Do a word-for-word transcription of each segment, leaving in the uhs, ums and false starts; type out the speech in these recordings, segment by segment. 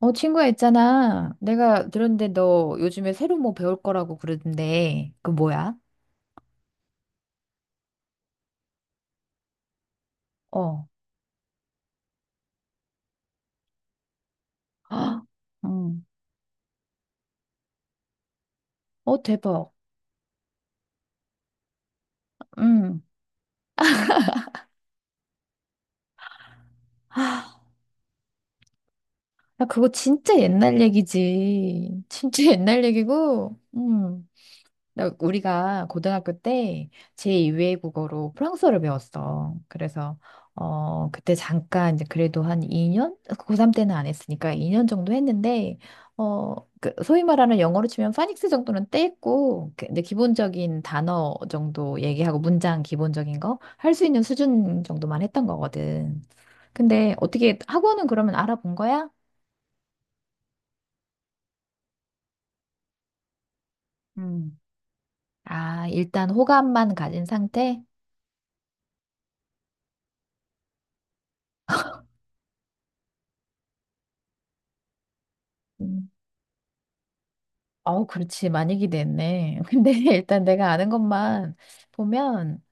어, 친구야 있잖아. 내가 들었는데 너 요즘에 새로 뭐 배울 거라고 그러던데. 그 뭐야? 어. 응. 어, 대박. 응. 아, 나 그거 진짜 옛날 얘기지. 진짜 옛날 얘기고. 응. 나- 우리가 고등학교 때 제이 외 국어로 프랑스어를 배웠어. 그래서 어 그때 잠깐 이제 그래도 한 이 년? 고삼 때는 안 했으니까 이 년 정도 했는데 어그 소위 말하는 영어로 치면 파닉스 정도는 떼고 그- 이제 기본적인 단어 정도 얘기하고 문장 기본적인 거 할 수 있는 수준 정도만 했던 거거든. 근데 어떻게 학원은 그러면 알아본 거야? 음. 아, 일단 호감만 가진 상태? 음. 아우, 그렇지. 많이 기대했네. 근데 일단 내가 아는 것만 보면,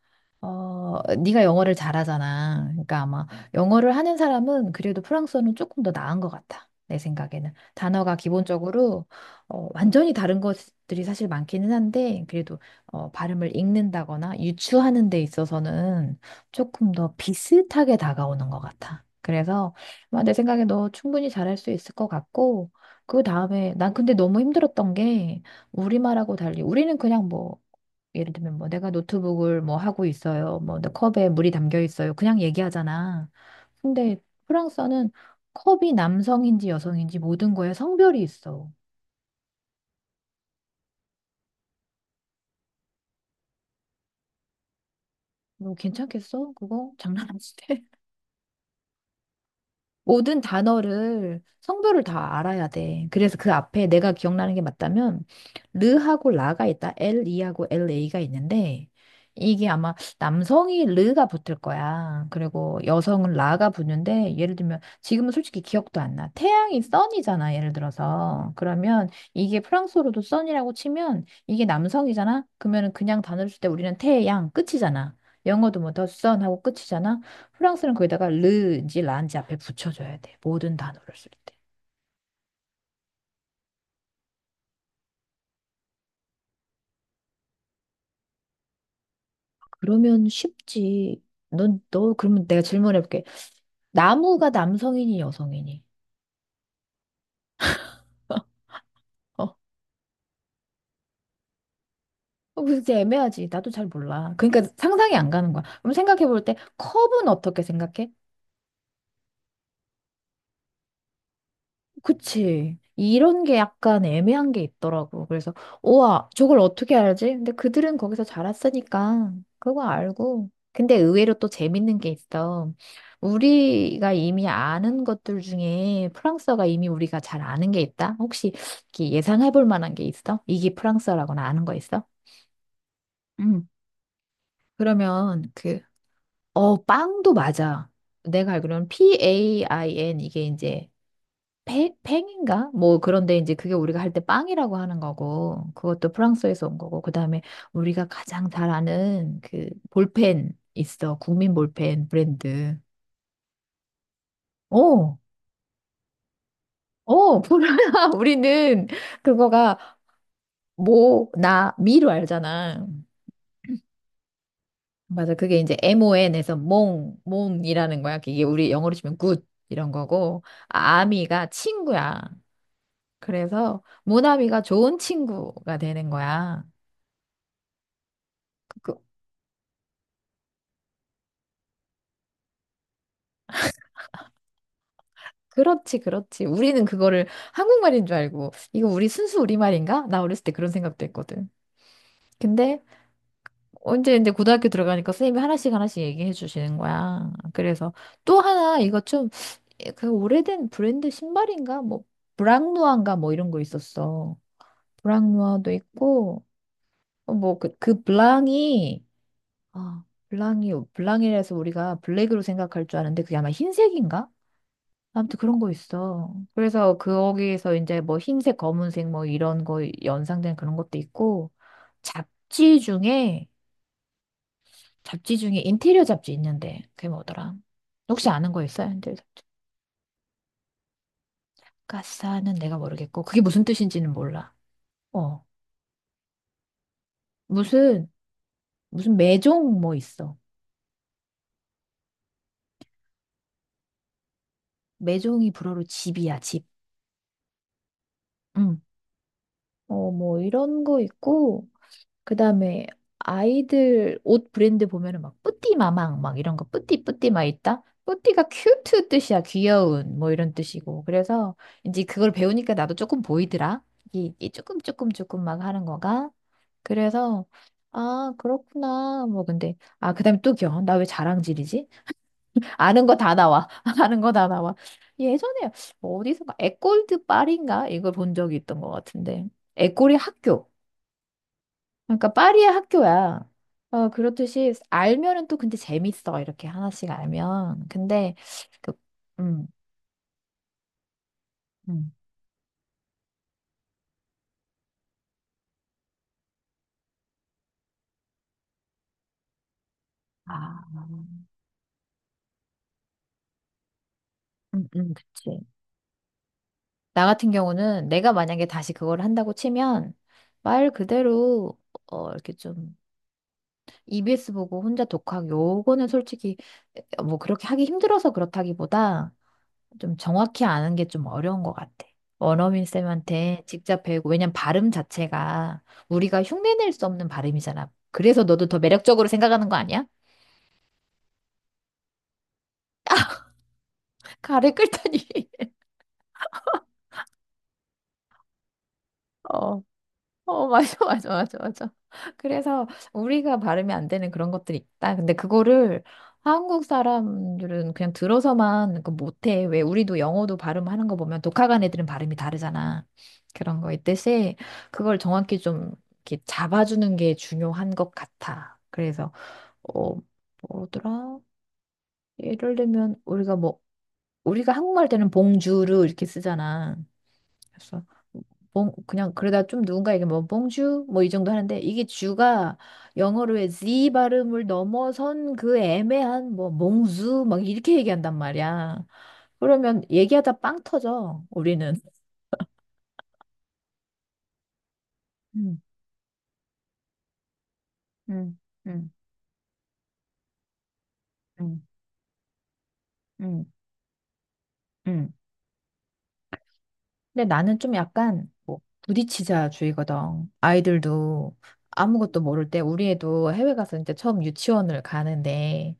어, 네가 영어를 잘하잖아. 그러니까 아마 영어를 하는 사람은 그래도 프랑스어는 조금 더 나은 것 같아. 내 생각에는. 단어가 기본적으로 어, 완전히 다른 것들이 사실 많기는 한데 그래도 어, 발음을 읽는다거나 유추하는 데 있어서는 조금 더 비슷하게 다가오는 것 같아. 그래서 아마 내 생각에 너 충분히 잘할 수 있을 것 같고 그 다음에 난 근데 너무 힘들었던 게 우리말하고 달리 우리는 그냥 뭐 예를 들면 뭐 내가 노트북을 뭐 하고 있어요. 뭐 내 컵에 물이 담겨 있어요. 그냥 얘기하잖아. 근데 프랑스어는 컵이 남성인지 여성인지 모든 거에 성별이 있어. 너 괜찮겠어? 그거 장난 아닌데? 모든 단어를 성별을 다 알아야 돼. 그래서 그 앞에 내가 기억나는 게 맞다면 르하고 라가 있다. 엘이하고 엘에이가 있는데 이게 아마 남성이 르가 붙을 거야. 그리고 여성은 라가 붙는데 예를 들면 지금은 솔직히 기억도 안 나. 태양이 선이잖아. 예를 들어서. 그러면 이게 프랑스어로도 선이라고 치면 이게 남성이잖아. 그러면 그냥 단어를 쓸 때 우리는 태양 끝이잖아. 영어도 뭐 더 선하고 끝이잖아. 프랑스는 거기다가 르인지 란지 앞에 붙여줘야 돼. 모든 단어를 쓸 때. 그러면 쉽지. 넌, 너, 그러면 내가 질문해볼게. 나무가 남성이니 여성이니? 어, 어, 진짜 애매하지. 나도 잘 몰라. 그러니까 상상이 안 가는 거야. 그럼 생각해볼 때 컵은 어떻게 생각해? 그치. 이런 게 약간 애매한 게 있더라고. 그래서, 우와, 저걸 어떻게 알지? 근데 그들은 거기서 자랐으니까 그거 알고. 근데 의외로 또 재밌는 게 있어. 우리가 이미 아는 것들 중에 프랑스어가 이미 우리가 잘 아는 게 있다? 혹시 이렇게 예상해 볼 만한 게 있어? 이게 프랑스어라고나 아는 거 있어? 응. 그러면 그, 어, 빵도 맞아. 내가 알기로는 팽 이게 이제 팽, 팽인가? 뭐 그런데 이제 그게 우리가 할 때 빵이라고 하는 거고 그것도 프랑스에서 온 거고 그다음에 우리가 가장 잘 아는 그 볼펜 있어. 국민 볼펜 브랜드. 어. 어, 보라. 우리는 그거가 모, 나, 미로 알잖아. 맞아. 그게 이제 엠오엔에서 몽, 몽이라는 거야. 이게 우리 영어로 치면 굿 이런 거고 아미가 친구야. 그래서 모나미가 좋은 친구가 되는 거야. 그, 그렇지, 그렇지. 우리는 그거를 한국말인 줄 알고, 이거 우리 순수 우리말인가? 나 어렸을 때 그런 생각도 했거든. 근데 언제 이제 고등학교 들어가니까 선생님이 하나씩 하나씩 얘기해 주시는 거야. 그래서 또 하나 이거 좀 그 오래된 브랜드 신발인가? 뭐 브랑누아인가 뭐 이런 거 있었어. 브랑누아도 있고 어, 뭐 그 그 블랑이 아 블랑이 블랑이라서 우리가 블랙으로 생각할 줄 아는데 그게 아마 흰색인가? 아무튼 그런 거 있어. 그래서 거기에서 이제 뭐 흰색, 검은색 뭐 이런 거 연상된 그런 것도 있고 잡지 중에 잡지 중에 인테리어 잡지 있는데 그게 뭐더라? 혹시 아는 거 있어요? 인테리어 잡지. 가사는 내가 모르겠고 그게 무슨 뜻인지는 몰라. 어. 무슨 무슨 매종 뭐 있어. 매종이 불어로 집이야, 집. 응. 어, 뭐 이런 거 있고 그다음에 아이들 옷 브랜드 보면은 막 뿌띠 마망 막 이런 거 뿌띠 뿌띠 막 있다. 뿌띠가 큐트 뜻이야. 귀여운 뭐 이런 뜻이고. 그래서 이제 그걸 배우니까 나도 조금 보이더라. 이게 이게 조금 조금 조금 막 하는 거가. 그래서 아, 그렇구나. 뭐 근데 아, 그다음에 또 귀여워. 나 왜 자랑질이지? 아는 거 다 나와. 아는 거 다 나와. 예전에 어디선가 애골드 파리인가 이걸 본 적이 있던 것 같은데. 애골이 학교. 그러니까 파리의 학교야. 어, 그렇듯이 알면은 또 근데 재밌어. 이렇게 하나씩 알면. 근데 그 음. 음. 아. 음, 음, 그치. 나 같은 경우는 내가 만약에 다시 그걸 한다고 치면 말 그대로 어, 이렇게 좀 이비에스 보고 혼자 독학 요거는 솔직히 뭐 그렇게 하기 힘들어서 그렇다기보다 좀 정확히 아는 게 좀 어려운 것 같아. 원어민 쌤한테 직접 배우고, 왜냐면 발음 자체가 우리가 흉내낼 수 없는 발음이잖아. 그래서 너도 더 매력적으로 생각하는 거 아니야? 가래 끓다니. 어. 어, 맞아, 맞아, 맞아, 맞아. 그래서 우리가 발음이 안 되는 그런 것들이 있다. 근데 그거를 한국 사람들은 그냥 들어서만 그 못해. 왜 우리도 영어도 발음하는 거 보면 독학한 애들은 발음이 다르잖아. 그런 거 있듯이 그걸 정확히 좀 이렇게 잡아주는 게 중요한 것 같아. 그래서 어, 뭐더라? 예를 들면 우리가 뭐 우리가 한국말 때는 봉주르 이렇게 쓰잖아. 그래서 봉 그냥 그러다 좀 누군가에게 뭐 봉주 뭐 이 정도 하는데 이게 주가 영어로 의 Z 발음을 넘어선 그 애매한 뭐 몽주 막 이렇게 얘기한단 말이야. 그러면 얘기하다 빵 터져 우리는. 음, 음, 음, 음, 음, 음. 근데 나는 좀 약간 뭐 부딪히자 주의거든. 아이들도 아무것도 모를 때 우리 애도 해외 가서 이제 처음 유치원을 가는데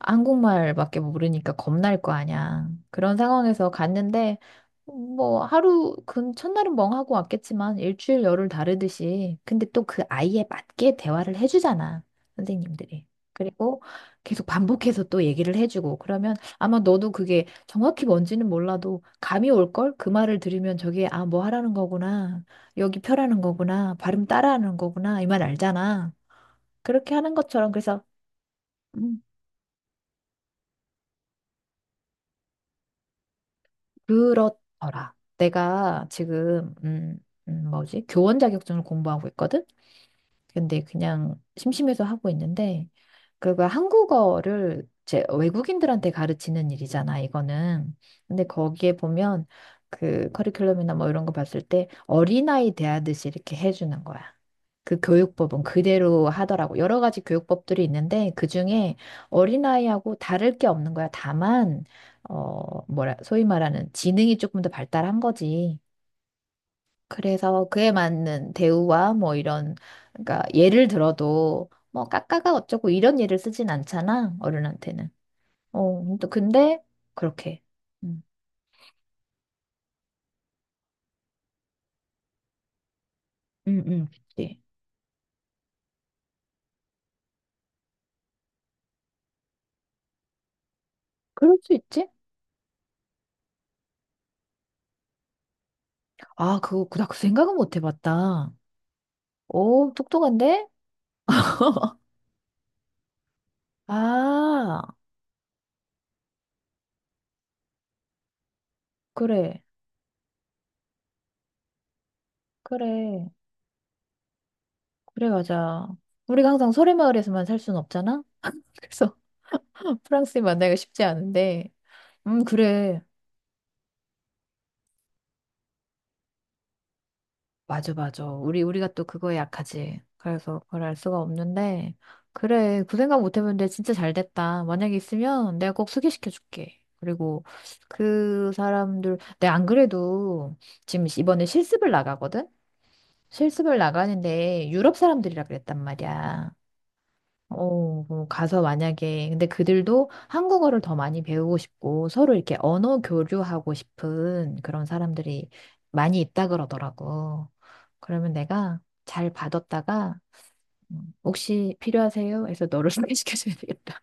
한국말밖에 모르니까 겁날 거 아니야. 그런 상황에서 갔는데 뭐 하루 근 첫날은 멍하고 왔겠지만 일주일 열흘 다르듯이 근데 또 그 아이에 맞게 대화를 해주잖아. 선생님들이. 그리고 계속 반복해서 또 얘기를 해주고 그러면 아마 너도 그게 정확히 뭔지는 몰라도 감이 올걸? 그 말을 들으면 저게 아, 뭐 하라는 거구나. 여기 펴라는 거구나. 발음 따라하는 거구나. 이 말 알잖아. 그렇게 하는 것처럼 그래서 음, 그렇더라. 내가 지금 음, 음, 뭐지? 교원 자격증을 공부하고 있거든. 근데 그냥 심심해서 하고 있는데 그거 한국어를 제 외국인들한테 가르치는 일이잖아, 이거는. 근데 거기에 보면 그 커리큘럼이나 뭐 이런 거 봤을 때 어린아이 대하듯이 이렇게 해주는 거야. 그 교육법은 그대로 하더라고. 여러 가지 교육법들이 있는데 그중에 어린아이하고 다를 게 없는 거야. 다만, 어, 뭐라, 소위 말하는 지능이 조금 더 발달한 거지. 그래서 그에 맞는 대우와 뭐 이런, 그러니까 예를 들어도 뭐 까까가 어쩌고 이런 예를 쓰진 않잖아, 어른한테는. 어, 또 근데 그렇게. 음, 음, 음, 그치. 그럴 수 있지? 아, 그거 그나 그 생각은 못 해봤다. 오, 똑똑한데? 아, 그래, 그래, 그래, 맞아. 우리가 항상 소래마을에서만 살 순 없잖아? 그래서 프랑스인 만나기가 쉽지 않은데. 음, 그래. 맞아, 맞아. 우리, 우리가 또 그거에 약하지. 그래서 그걸 알 수가 없는데. 그래, 그 생각 못 해봤는데 진짜 잘 됐다. 만약에 있으면 내가 꼭 소개시켜줄게. 그리고 그 사람들, 내가 안 그래도 지금 이번에 실습을 나가거든? 실습을 나가는데 유럽 사람들이라 그랬단 말이야. 어, 그럼 가서 만약에, 근데 그들도 한국어를 더 많이 배우고 싶고 서로 이렇게 언어 교류하고 싶은 그런 사람들이 많이 있다 그러더라고. 그러면 내가 잘 받았다가, 음, 혹시 필요하세요? 해서 너를 소개시켜줘야 되겠다.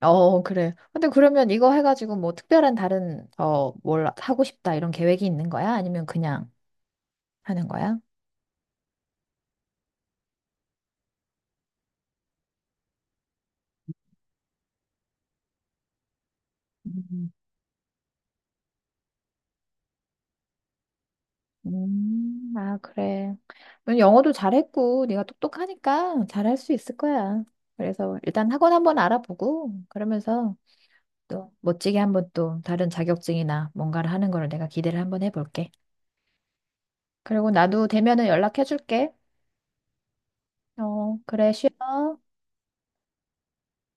어, 그래. 근데 그러면 이거 해가지고 뭐 특별한 다른, 어, 뭘 하고 싶다 이런 계획이 있는 거야? 아니면 그냥 하는 거야? 음. 음, 아, 그래. 넌 영어도 잘했고, 네가 똑똑하니까 잘할 수 있을 거야. 그래서 일단 학원 한번 알아보고, 그러면서 또 멋지게 한번 또 다른 자격증이나 뭔가를 하는 거를 내가 기대를 한번 해볼게. 그리고 나도 되면은 연락해줄게. 어, 그래, 쉬어.